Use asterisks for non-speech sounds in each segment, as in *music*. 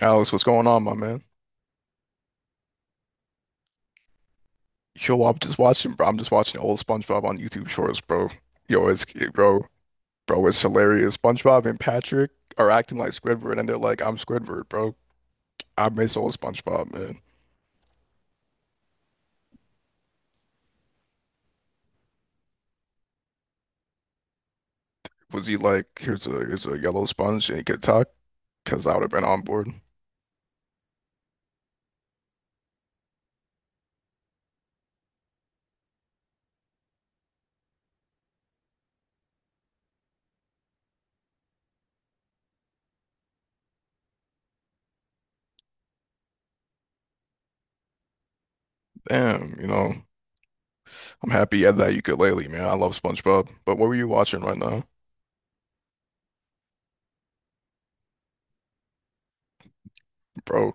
Alex, what's going on, my man? Yo, I'm just watching, bro. I'm just watching old SpongeBob on YouTube Shorts, bro. Yo, it's bro, bro, it's hilarious. SpongeBob and Patrick are acting like Squidward, and they're like, "I'm Squidward, bro." I miss old SpongeBob, man. Was he like, here's a yellow sponge and he could talk? Because I would have been on board. Damn, you know, I'm happy at that ukulele, man. I love SpongeBob. But what were you watching right now, bro?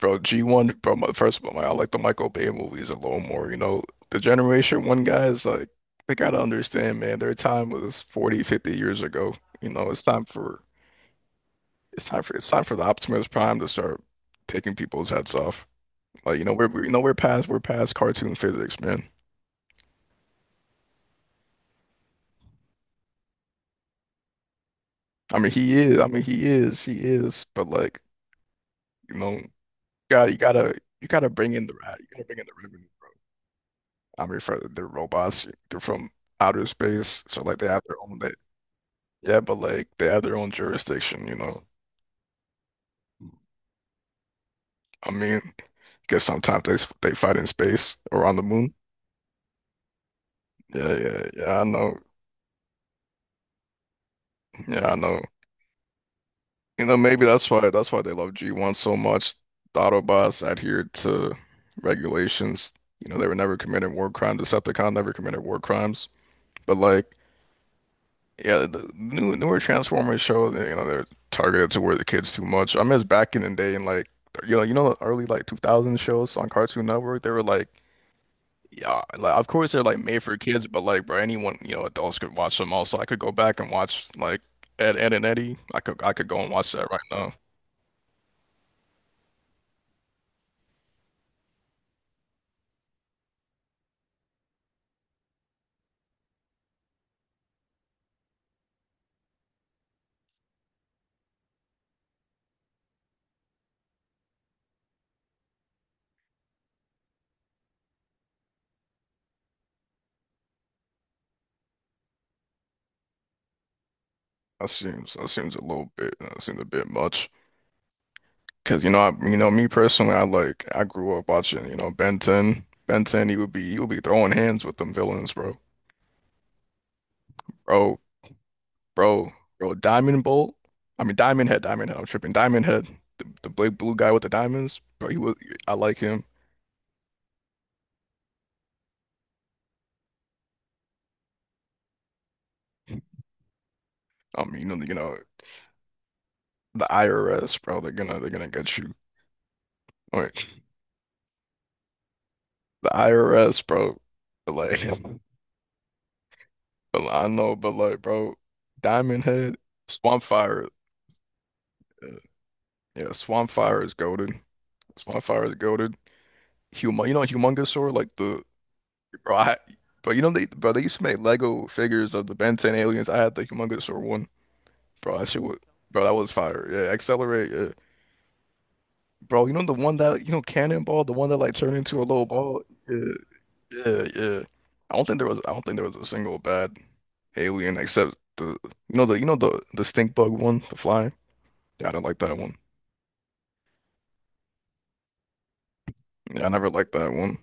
Bro, G1, bro, first of all, I like the Michael Bay movies a little more, you know. The Generation 1 guys, like, they gotta understand, man, their time was 40, 50 years ago. You know, it's time for, it's time for, it's time for the Optimus Prime to start taking people's heads off. Like, you know, you know, we're past cartoon physics, man. I mean, he is, but like, you know, gotta, you gotta, you gotta bring in the revenue. I mean, for the robots, they're from outer space, so like they have their own. Yeah, but like they have their own jurisdiction, you know. I mean, because sometimes they fight in space or on the moon. Yeah, yeah, yeah. I know. Yeah, I know. You know, maybe that's why they love G1 so much. The Autobots adhered to regulations. You know, they were never committing war crimes. Decepticon never committed war crimes. But like, yeah, the newer Transformers show, you know, they're targeted toward the kids too much. I miss back in the day and like, you know, the early like 2000 shows on Cartoon Network. They were like, yeah, like of course they're like made for kids, but like, bro, anyone, you know, adults could watch them also. I could go back and watch like Ed, Ed and Eddie. I could go and watch that right now. That seems a little bit that seems a bit much. Cause you know you know me personally, I grew up watching, you know, Ben 10. Ben 10, he would be throwing hands with them villains, bro. Bro, bro, bro, Diamond Bolt. I mean Diamond Head, Diamond Head, I'm tripping. Diamond Head, the big blue guy with the diamonds, bro, he was I like him. I mean, you know, you know. The IRS, bro, they're gonna get you. Like the IRS, bro. But like, *laughs* but like, I know, but like, bro, Diamond Head, Swamp Fire, uh, yeah, Swamp Fire is goaded. Swamp Fire is goaded. You know, Humongousaur, like the, bro, bro, you know they, bro, they used to make Lego figures of the Ben 10 aliens. I had the Humongousaur one, bro. That shit was, bro, that was fire. Yeah, Accelerate, yeah. Bro, you know the one that, you know, Cannonball, the one that like turned into a little ball. Yeah. Yeah, yeah. I don't think there was I don't think there was a single bad alien except the stink bug one, the fly. Yeah, I didn't like that one. Yeah, I never liked that one.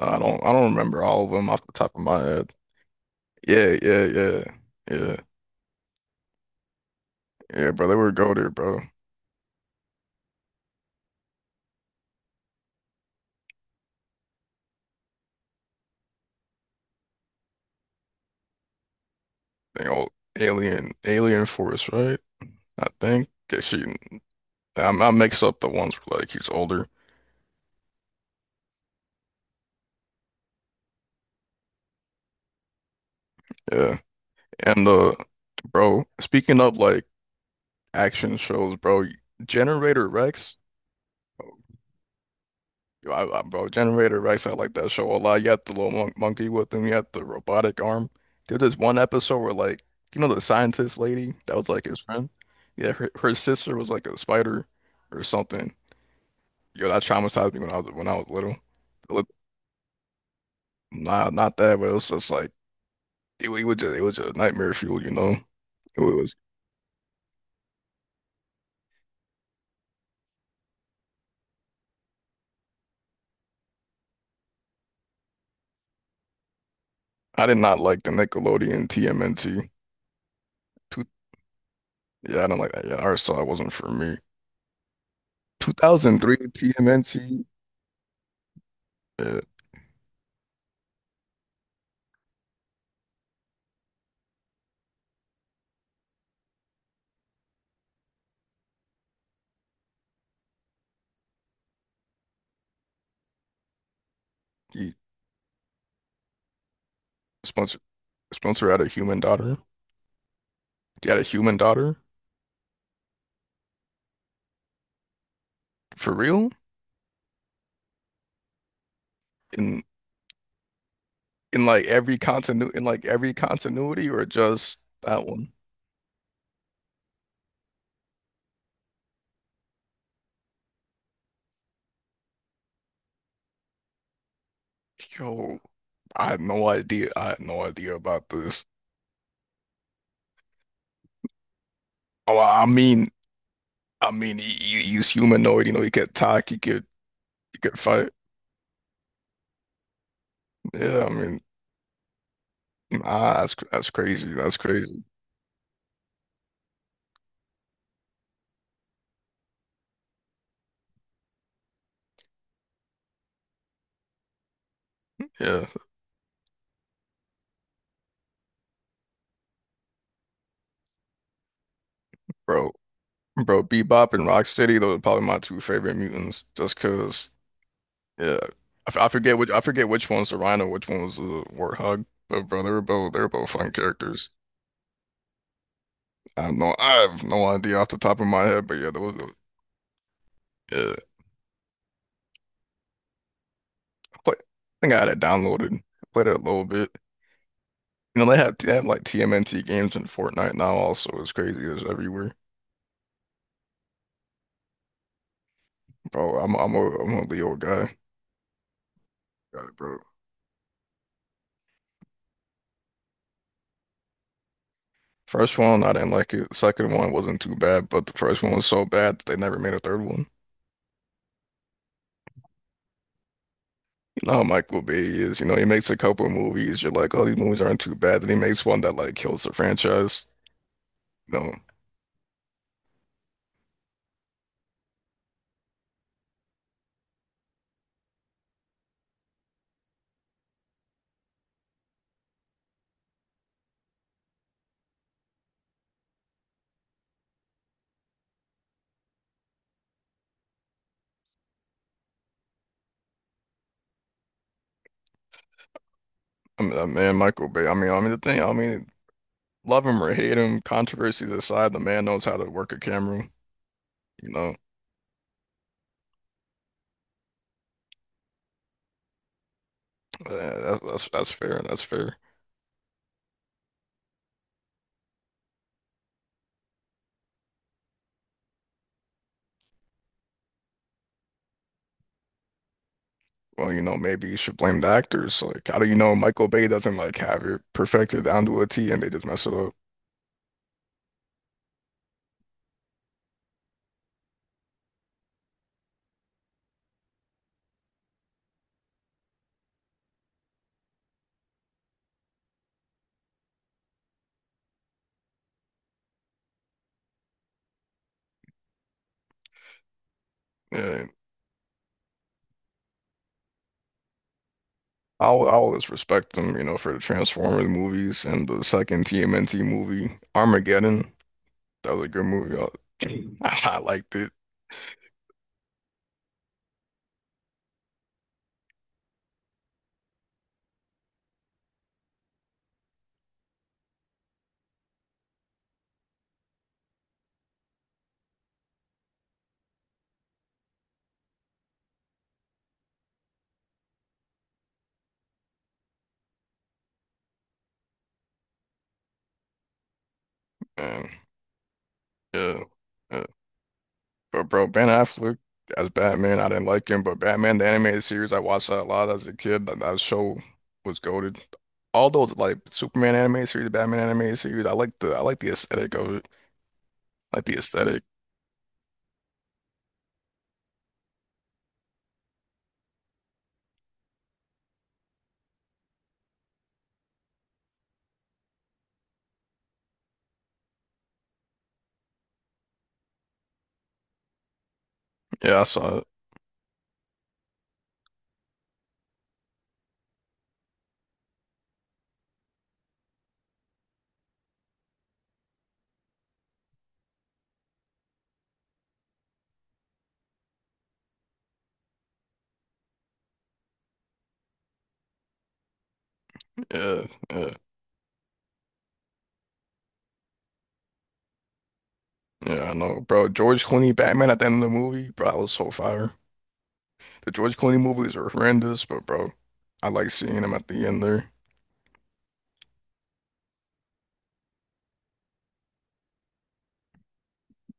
I don't remember all of them off the top of my head. Yeah, yeah, yeah. Yeah. Yeah, bro, they were go there, bro. They all Alien Force, right? I think. Yeah, she I mix up the ones where like he's older. Yeah. And bro, speaking of like action shows, bro, Generator Rex. Yo, bro, Generator Rex, I like that show a lot. You had the little monkey with him, you had the robotic arm. There's this one episode where, like, you know, the scientist lady that was like his friend. Yeah, her sister was like a spider or something. Yo, that traumatized me when I was little. Look, nah, not that, but it was just like, it was just nightmare fuel, you know. It was I did not like the Nickelodeon TMNT. Two, yeah, I don't like that. Yeah, I saw it wasn't for me. 2003 TMNT. Yeah, he- Spencer had a human daughter. He had a human daughter for real, in in like every continuity or just that one. Yo, I had no idea. I had no idea about this. Oh, I mean, he's humanoid. You know, he could talk. He could fight. Yeah, I mean, that's crazy. That's crazy. Yeah, bro, bro, Bebop and Rocksteady. Those are probably my two favorite mutants. Just cause. Yeah, I forget which one's the rhino, which one was the warthog. But bro, they're both fun characters. I have no idea off the top of my head, but yeah, yeah. I think I had it downloaded. I played it a little bit. You know they have like TMNT games in Fortnite now. Also, it's crazy. It's everywhere, bro. I'm a Leo guy. Got it, bro. First one, I didn't like it. Second one wasn't too bad, but the first one was so bad that they never made a third one. No, Michael Bay is, you know, he makes a couple of movies. You're like, oh, these movies aren't too bad. Then he makes one that like kills the franchise. No, I mean, man, Michael Bay. I mean, the thing. I mean, love him or hate him, controversies aside, the man knows how to work a camera. You know, that's fair. That's fair. Well, you know, maybe you should blame the actors. Like, how do you know Michael Bay doesn't like have it perfected down to a T, and they just mess it up? Yeah, I always respect them, you know, for the Transformers movies and the second TMNT movie, Armageddon. That was a good movie. I, *laughs* I liked it. And yeah, yeah. But bro, Ben Affleck as Batman, I didn't like him. But Batman, the animated series, I watched that a lot as a kid. That show was goated. All those like Superman animated series, Batman animated series, I like the aesthetic of it. Like the aesthetic. Yeah, I saw it. Yeah, yeah, yeah. I know, bro. George Clooney Batman at the end of the movie, bro, that was so fire. The George Clooney movies are horrendous, but bro, I like seeing him at the end there.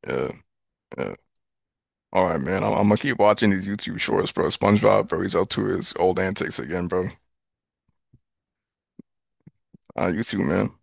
Yeah, yeah. All right, man. I'm gonna keep watching these YouTube shorts, bro. SpongeBob, bro. He's up to his old antics again, bro. You too, man.